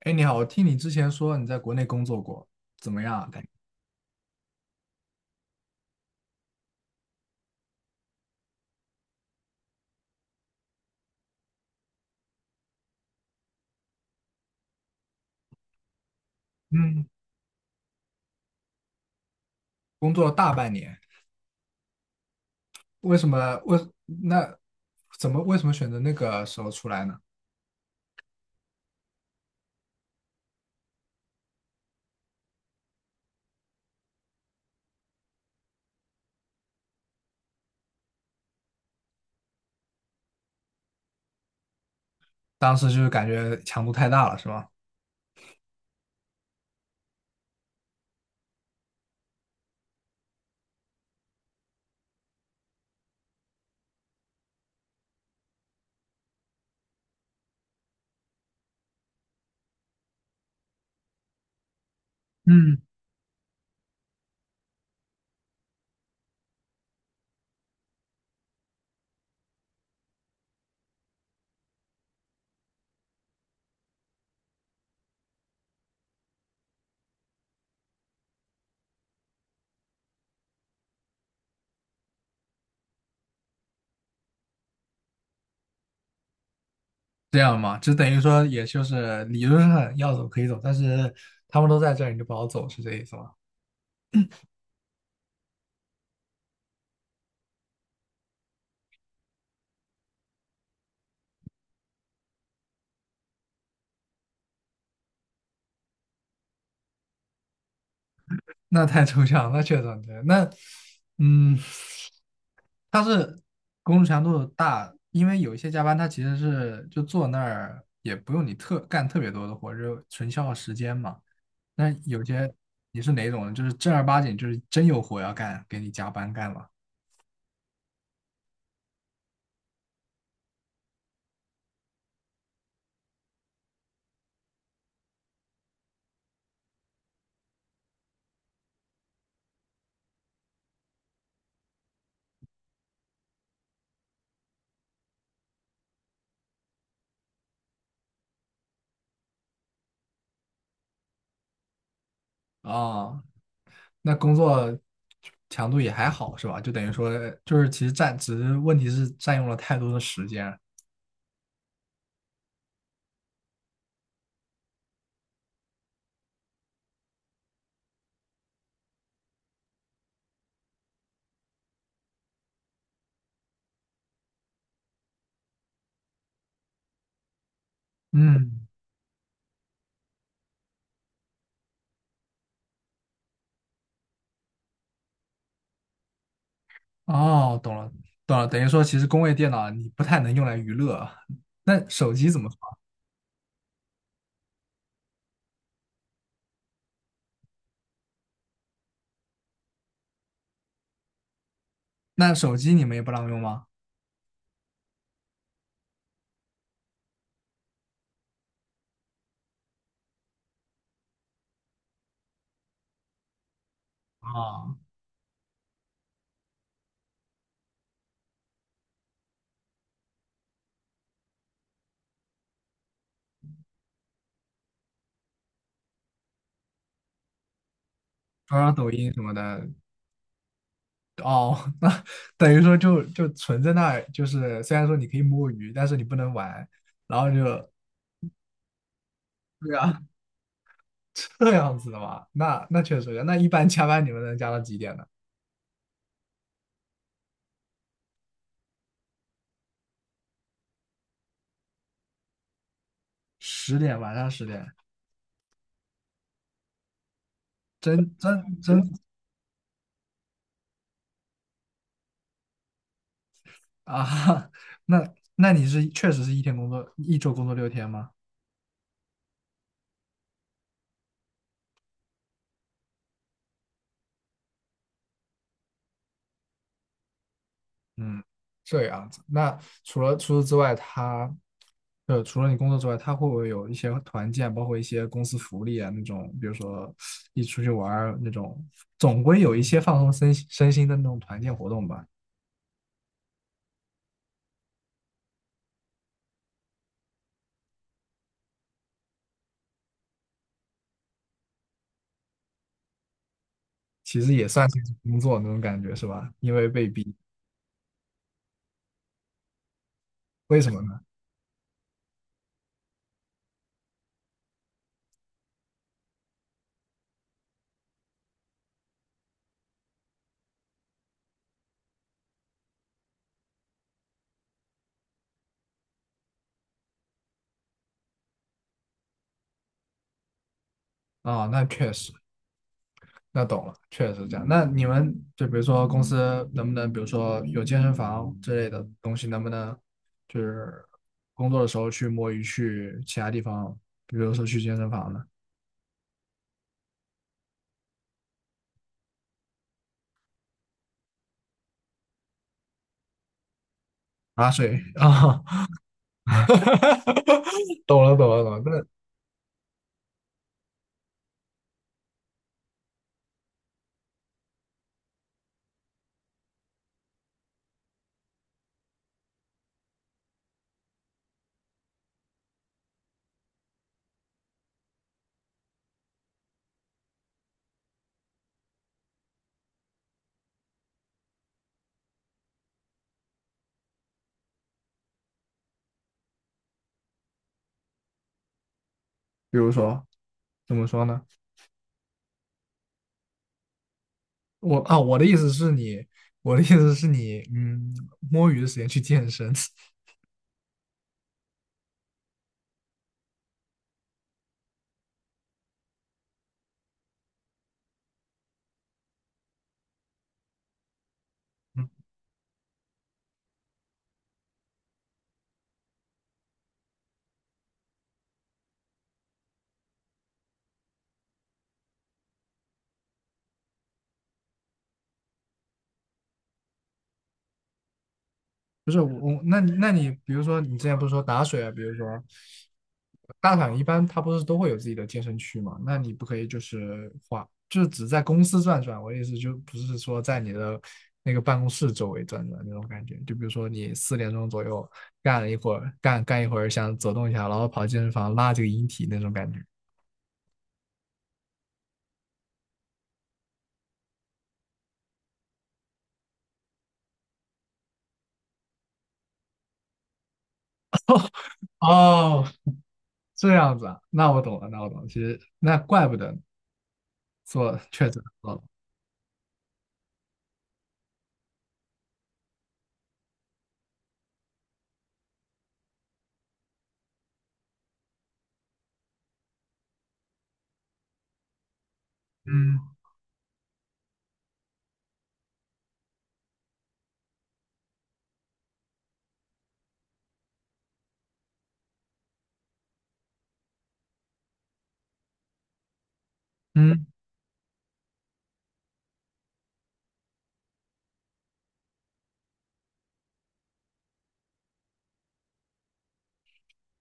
哎，你好，我听你之前说你在国内工作过，怎么样啊？嗯，工作了大半年，为什么？那为什么选择那个时候出来呢？当时就是感觉强度太大了，是吗？嗯，这样吗？就等于说，也就是理论上要走可以走，但是他们都在这儿，你就不好走，是这意思吗？那太抽象，那确实很抽象嗯，它是工作强度大，因为有一些加班，它其实是就坐那儿也不用你特干特别多的活，就纯消耗时间嘛。那有些你是哪种人，就是正儿八经就是真有活要干，给你加班干了。哦，那工作强度也还好是吧？就等于说就是其实占，只是问题是占用了太多的时间。嗯，哦，懂了懂了，等于说其实工位电脑你不太能用来娱乐啊。那手机怎么？那手机你们也不让用吗？啊，刷刷抖音什么的，哦，那等于说就存在那儿，就是虽然说你可以摸鱼，但是你不能玩，然后就对啊，这样子的嘛，那确实，那一般加班你们能加到几点呢？十点，晚上10点，真啊，那你是确实是一天工作，一周工作6天吗？嗯，这样子。那除此之外，除了你工作之外，他会不会有一些团建，包括一些公司福利啊那种，比如说一起出去玩儿那种，总归有一些放松身心的那种团建活动吧。其实也算是一种工作那种感觉是吧？因为被逼，为什么呢？啊，那确实，那懂了，确实是这样。那你们就比如说公司能不能，比如说有健身房之类的东西，能不能就是工作的时候去摸鱼，去其他地方，比如说去健身房呢？打水啊，懂了懂了懂了。那比如说怎么说呢？我啊，我的意思是你，我的意思是你，摸鱼的时间去健身。不是我，那你比如说你之前不是说打水啊，比如说大厂一般它不是都会有自己的健身区嘛？那你不可以就是花，就是只在公司转转。我的意思就不是说在你的那个办公室周围转转那种感觉。就比如说你4点钟左右干了一会儿，干一会儿想走动一下，然后跑健身房拉这个引体那种感觉。哦，这样子啊，那我懂了，那我懂了。其实那怪不得做确诊了。嗯嗯。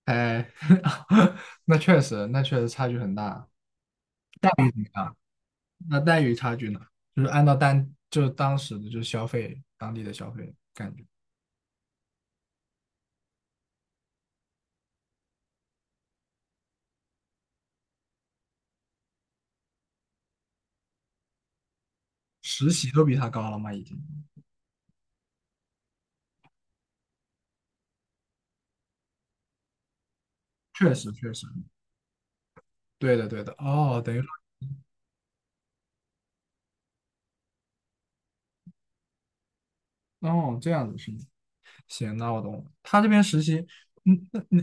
哎，那确实，那确实差距很大。待遇怎么样？那待遇差距呢？就是按照当就是当时的就是消费当地的消费感觉，实习都比他高了吗？已经，确实确实，对的对的。哦，等于说，哦，这样子是吗，行，那我懂了。他这边实习，嗯，那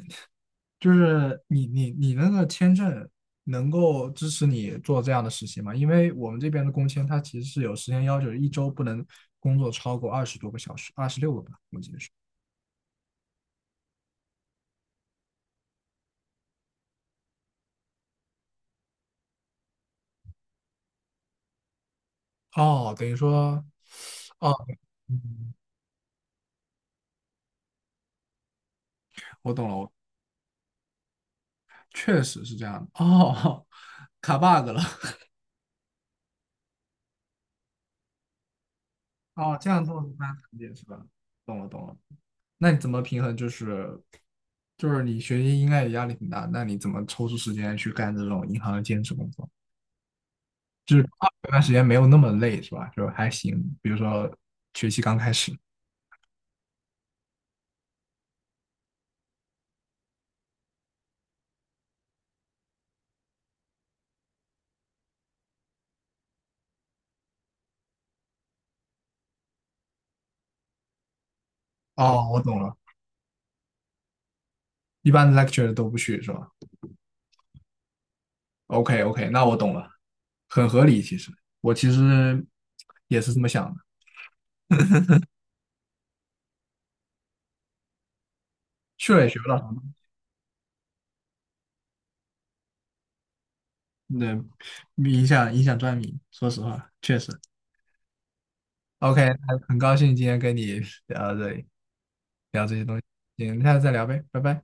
就是你那个签证能够支持你做这样的实习吗？因为我们这边的工签它其实是有时间要求，一周不能工作超过20多个小时，26个。哦，等于说，哦，嗯我懂了，我确实是这样的。哦，卡 bug 了。哦，这样做是般理解是吧？懂了，懂了。那你怎么平衡？就是你学习应该也压力挺大，那你怎么抽出时间去干这种银行的兼职工作？就是啊有段时间没有那么累是吧？就还行。比如说学期刚开始。哦，我懂了。一般 lecture 都不去是吧？OK OK，那我懂了，很合理其实。我其实也是这么想的。去了也学不到什么，对，影响赚米说实话，确实。OK，那很高兴今天跟你聊到这里，聊这些东西，行，下次再聊呗，拜拜。